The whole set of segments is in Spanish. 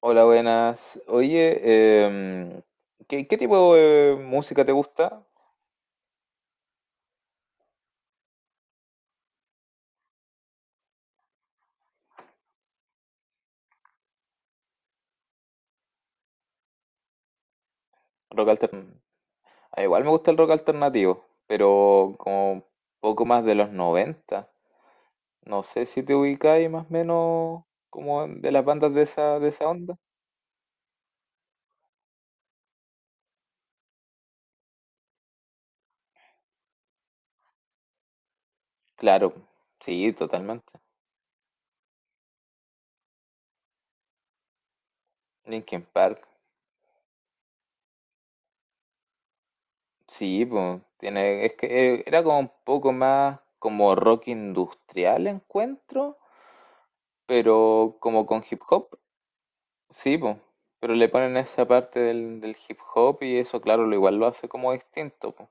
Hola, buenas. Oye, ¿qué tipo de música te gusta? Rock alternativo. Igual me gusta el rock alternativo, pero como un poco más de los 90. No sé si te ubicáis más o menos como de las bandas de esa onda. Claro, sí, totalmente. Linkin Park, sí, pues, tiene, es que era como un poco más como rock industrial encuentro, pero como con hip hop. Sí, po, pero le ponen esa parte del hip hop y eso, claro, lo igual lo hace como distinto, po.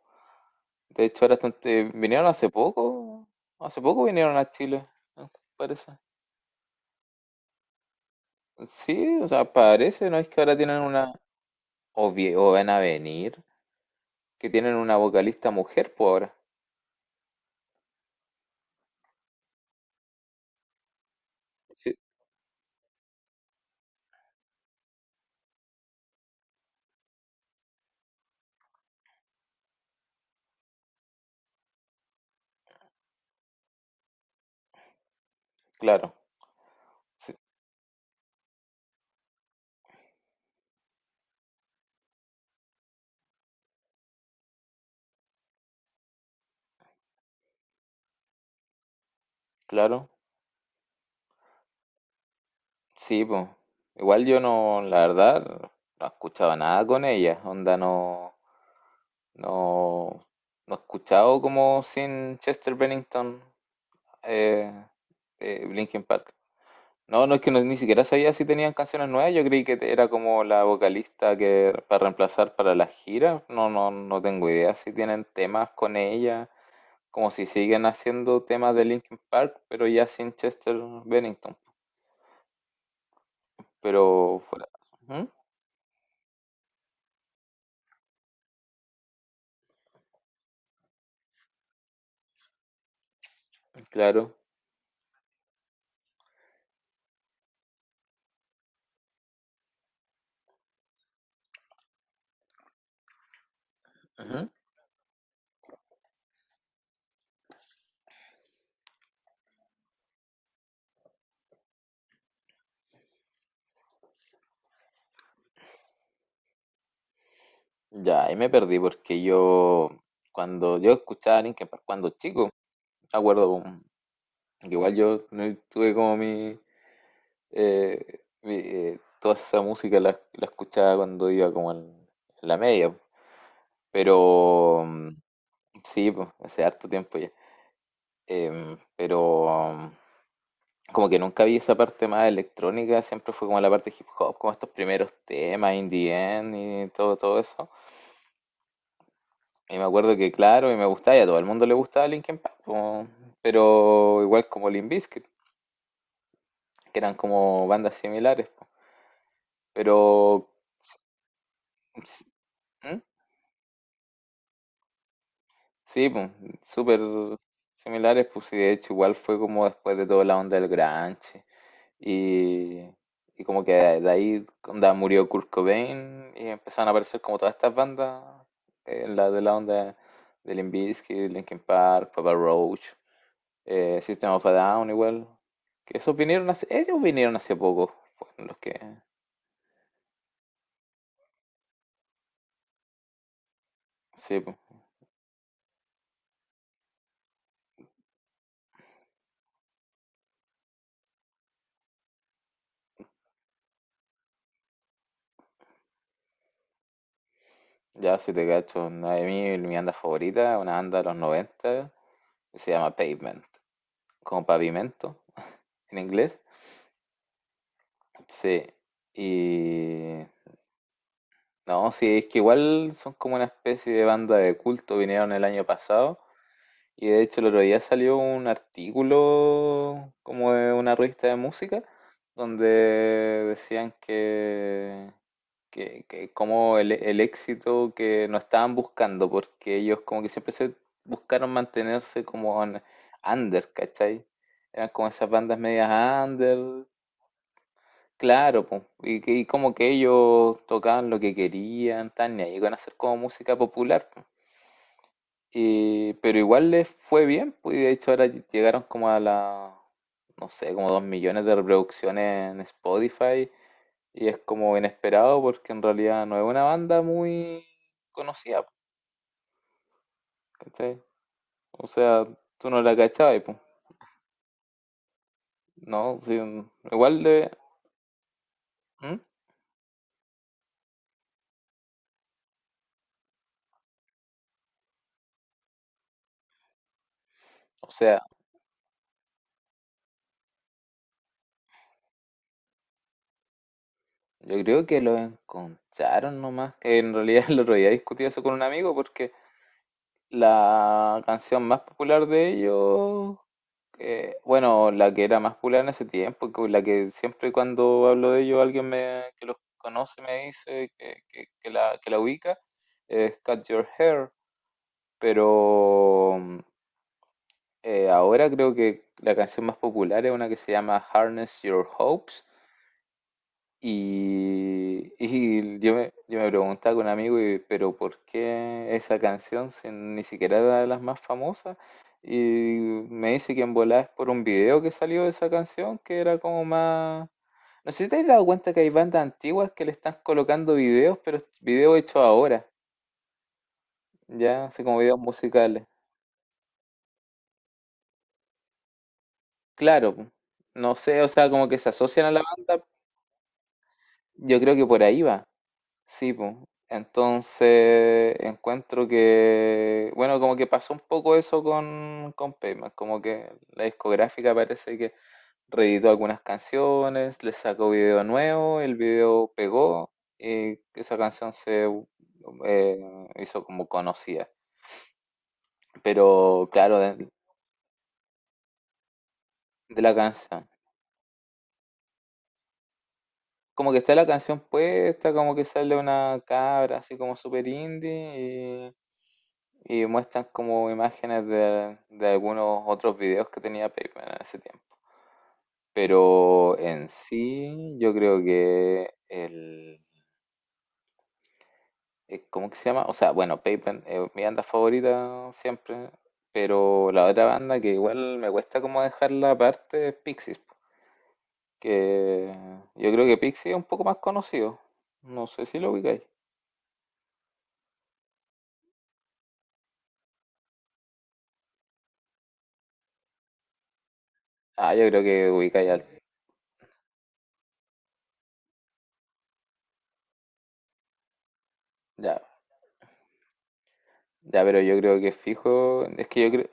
De hecho, ahora hace poco vinieron a Chile, ¿no? Parece. Sí, o sea, parece, ¿no? Es que ahora tienen una, o van a venir, que tienen una vocalista mujer, pues ahora. Sí, claro, sí, claro, sí, pues. Igual yo no, la verdad, no escuchaba nada con ella, onda no. No, no he escuchado como sin Chester Bennington eh, Linkin Park. No, no es que ni siquiera sabía si tenían canciones nuevas. Yo creí que era como la vocalista que para reemplazar para las giras. No, no, no tengo idea si tienen temas con ella, como si siguen haciendo temas de Linkin Park, pero ya sin Chester Bennington. Pero fuera. Ujú, claro. Ujú. Ya, ahí me perdí porque yo cuando yo escuchaba Linkin Park cuando chico. Acuerdo, po. Igual yo no tuve como toda esa música la escuchaba cuando iba como en la media, pero sí, pues, hace harto tiempo ya. Pero como que nunca vi esa parte más electrónica, siempre fue como la parte hip hop, como estos primeros temas, In The End y todo, todo eso. Y me acuerdo que, claro, y me gustaba, y a todo el mundo le gustaba Linkin Park, po, pero igual como Limp Bizkit, que eran como bandas similares, po. Pero ¿mm? Sí, pues, súper similares, pues sí, de hecho igual fue como después de toda la onda del grunge y, y como que de ahí onda, murió Kurt Cobain y empezaron a aparecer como todas estas bandas, la de la onda de Limp Bizkit, Linkin Park, Papa Roach, System of a Down igual, que esos ellos vinieron hace poco, fueron los que, sí, pues, ya si te cacho, mi banda favorita, una banda de los 90 que se llama Pavement. Como pavimento en inglés. Sí. Y no, sí, es que igual son como una especie de banda de culto, vinieron el año pasado. Y de hecho el otro día salió un artículo como de una revista de música donde decían que como el éxito que no estaban buscando, porque ellos como que siempre se buscaron mantenerse como en under, ¿cachai? Eran como esas bandas medias under. Claro, po, y como que ellos tocaban lo que querían, tan, y ahí iban a hacer como música popular, po. Pero igual les fue bien, pues, y de hecho ahora llegaron como a la, no sé, como 2 millones de reproducciones en Spotify, y es como inesperado porque en realidad no es una banda muy conocida, po, ¿cachai? O sea, tú no la cachabas, pues, ¿no? Sí, igual de... ¿Mm? O sea... Yo creo que lo encontraron nomás. Que en realidad el otro día discutí eso con un amigo porque la canción más popular de ellos, bueno, la que era más popular en ese tiempo, con la que siempre cuando hablo de ellos alguien me, que los conoce me dice que la ubica, es Cut Your Hair. Pero ahora creo que la canción más popular es una que se llama Harness Your Hopes. Y yo me preguntaba con un amigo, y, pero ¿por qué esa canción si ni siquiera era de las más famosas? Y me dice que en volada es por un video que salió de esa canción, que era como más... No sé si te has dado cuenta que hay bandas antiguas que le están colocando videos, pero videos hechos ahora, ya, así como videos musicales. Claro, po. No sé, o sea, como que se asocian a la banda, yo creo que por ahí va. Sí, pues. Entonces encuentro que, bueno, como que pasó un poco eso con, Pavement, como que la discográfica parece que reeditó algunas canciones, le sacó video nuevo, el video pegó y esa canción se hizo como conocida. Pero claro, de la canción. Como que está la canción puesta, como que sale una cabra así como super indie. Y muestran como imágenes de algunos otros videos que tenía Pac-Man en ese tiempo. Pero en sí, yo creo que el. ¿Cómo que se llama? O sea, bueno, Pac-Man es mi banda favorita siempre. Pero la otra banda que igual me cuesta como dejarla aparte es Pixies, po. Que yo creo que Pixies es un poco más conocido. No sé si lo ubicáis. Ah, yo creo que ubicáis al. Ya, ya, pero yo creo que fijo. Es que yo creo.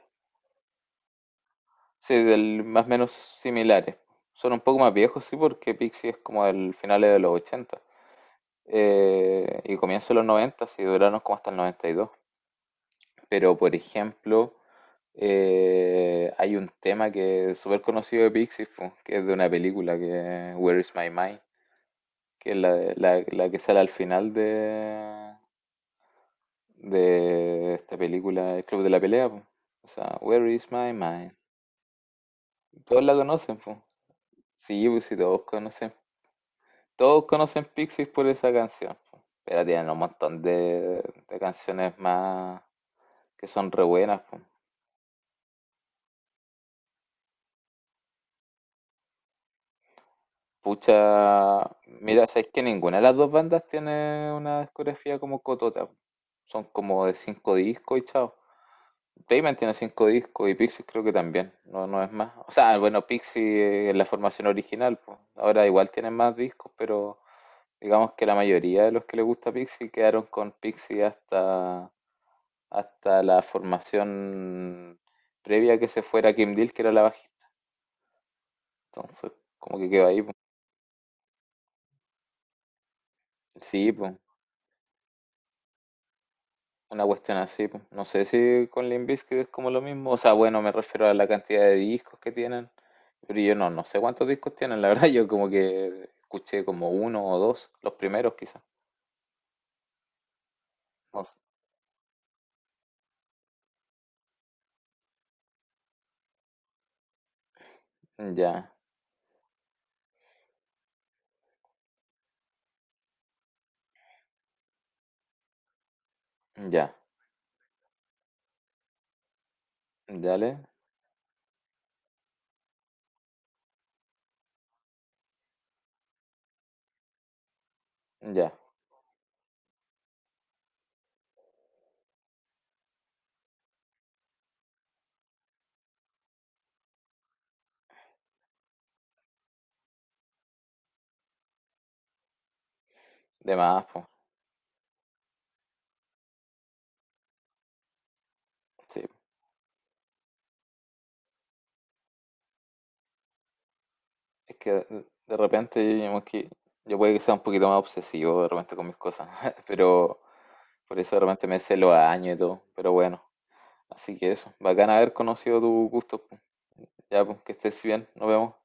Sí, del, más o menos similares. Son un poco más viejos, sí, porque Pixie es como del finales de los 80 y comienzo de los 90, sí, duraron como hasta el noventa y dos. Pero, por ejemplo, hay un tema que es súper conocido de Pixies, po, que es de una película que es Where is My Mind, que es la que sale al final de esta película, El Club de la Pelea, po. O sea, Where is My Mind. Todos la conocen, po. Sí, pues sí, todos conocen Pixies por esa canción, po. Pero tienen un montón de canciones más que son re buenas, po. Pucha, mira, sabéis que ninguna de las dos bandas tiene una discografía como Cotota, po. Son como de cinco discos y chao. Pavement tiene cinco discos y Pixies creo que también, no, no es más. O sea, bueno, Pixies en la formación original, pues. Ahora igual tienen más discos, pero digamos que la mayoría de los que les gusta Pixies quedaron con Pixies hasta la formación previa a que se fuera Kim Deal, que era la bajista. Entonces, como que quedó ahí, po. Sí, pues, una cuestión así, po. No sé si con Limp Bizkit es como lo mismo. O sea, bueno, me refiero a la cantidad de discos que tienen. Pero yo no, no sé cuántos discos tienen, la verdad. Yo como que escuché como uno o dos, los primeros quizás. No sé. Ya, ya, dale, ya. De más, pues. Sí, es que de repente yo, digamos que yo puede que sea un poquito más obsesivo de repente con mis cosas, pero por eso de repente me sé los años y todo, pero bueno, así que eso, bacán haber conocido tu gusto, ya pues que estés bien, nos vemos.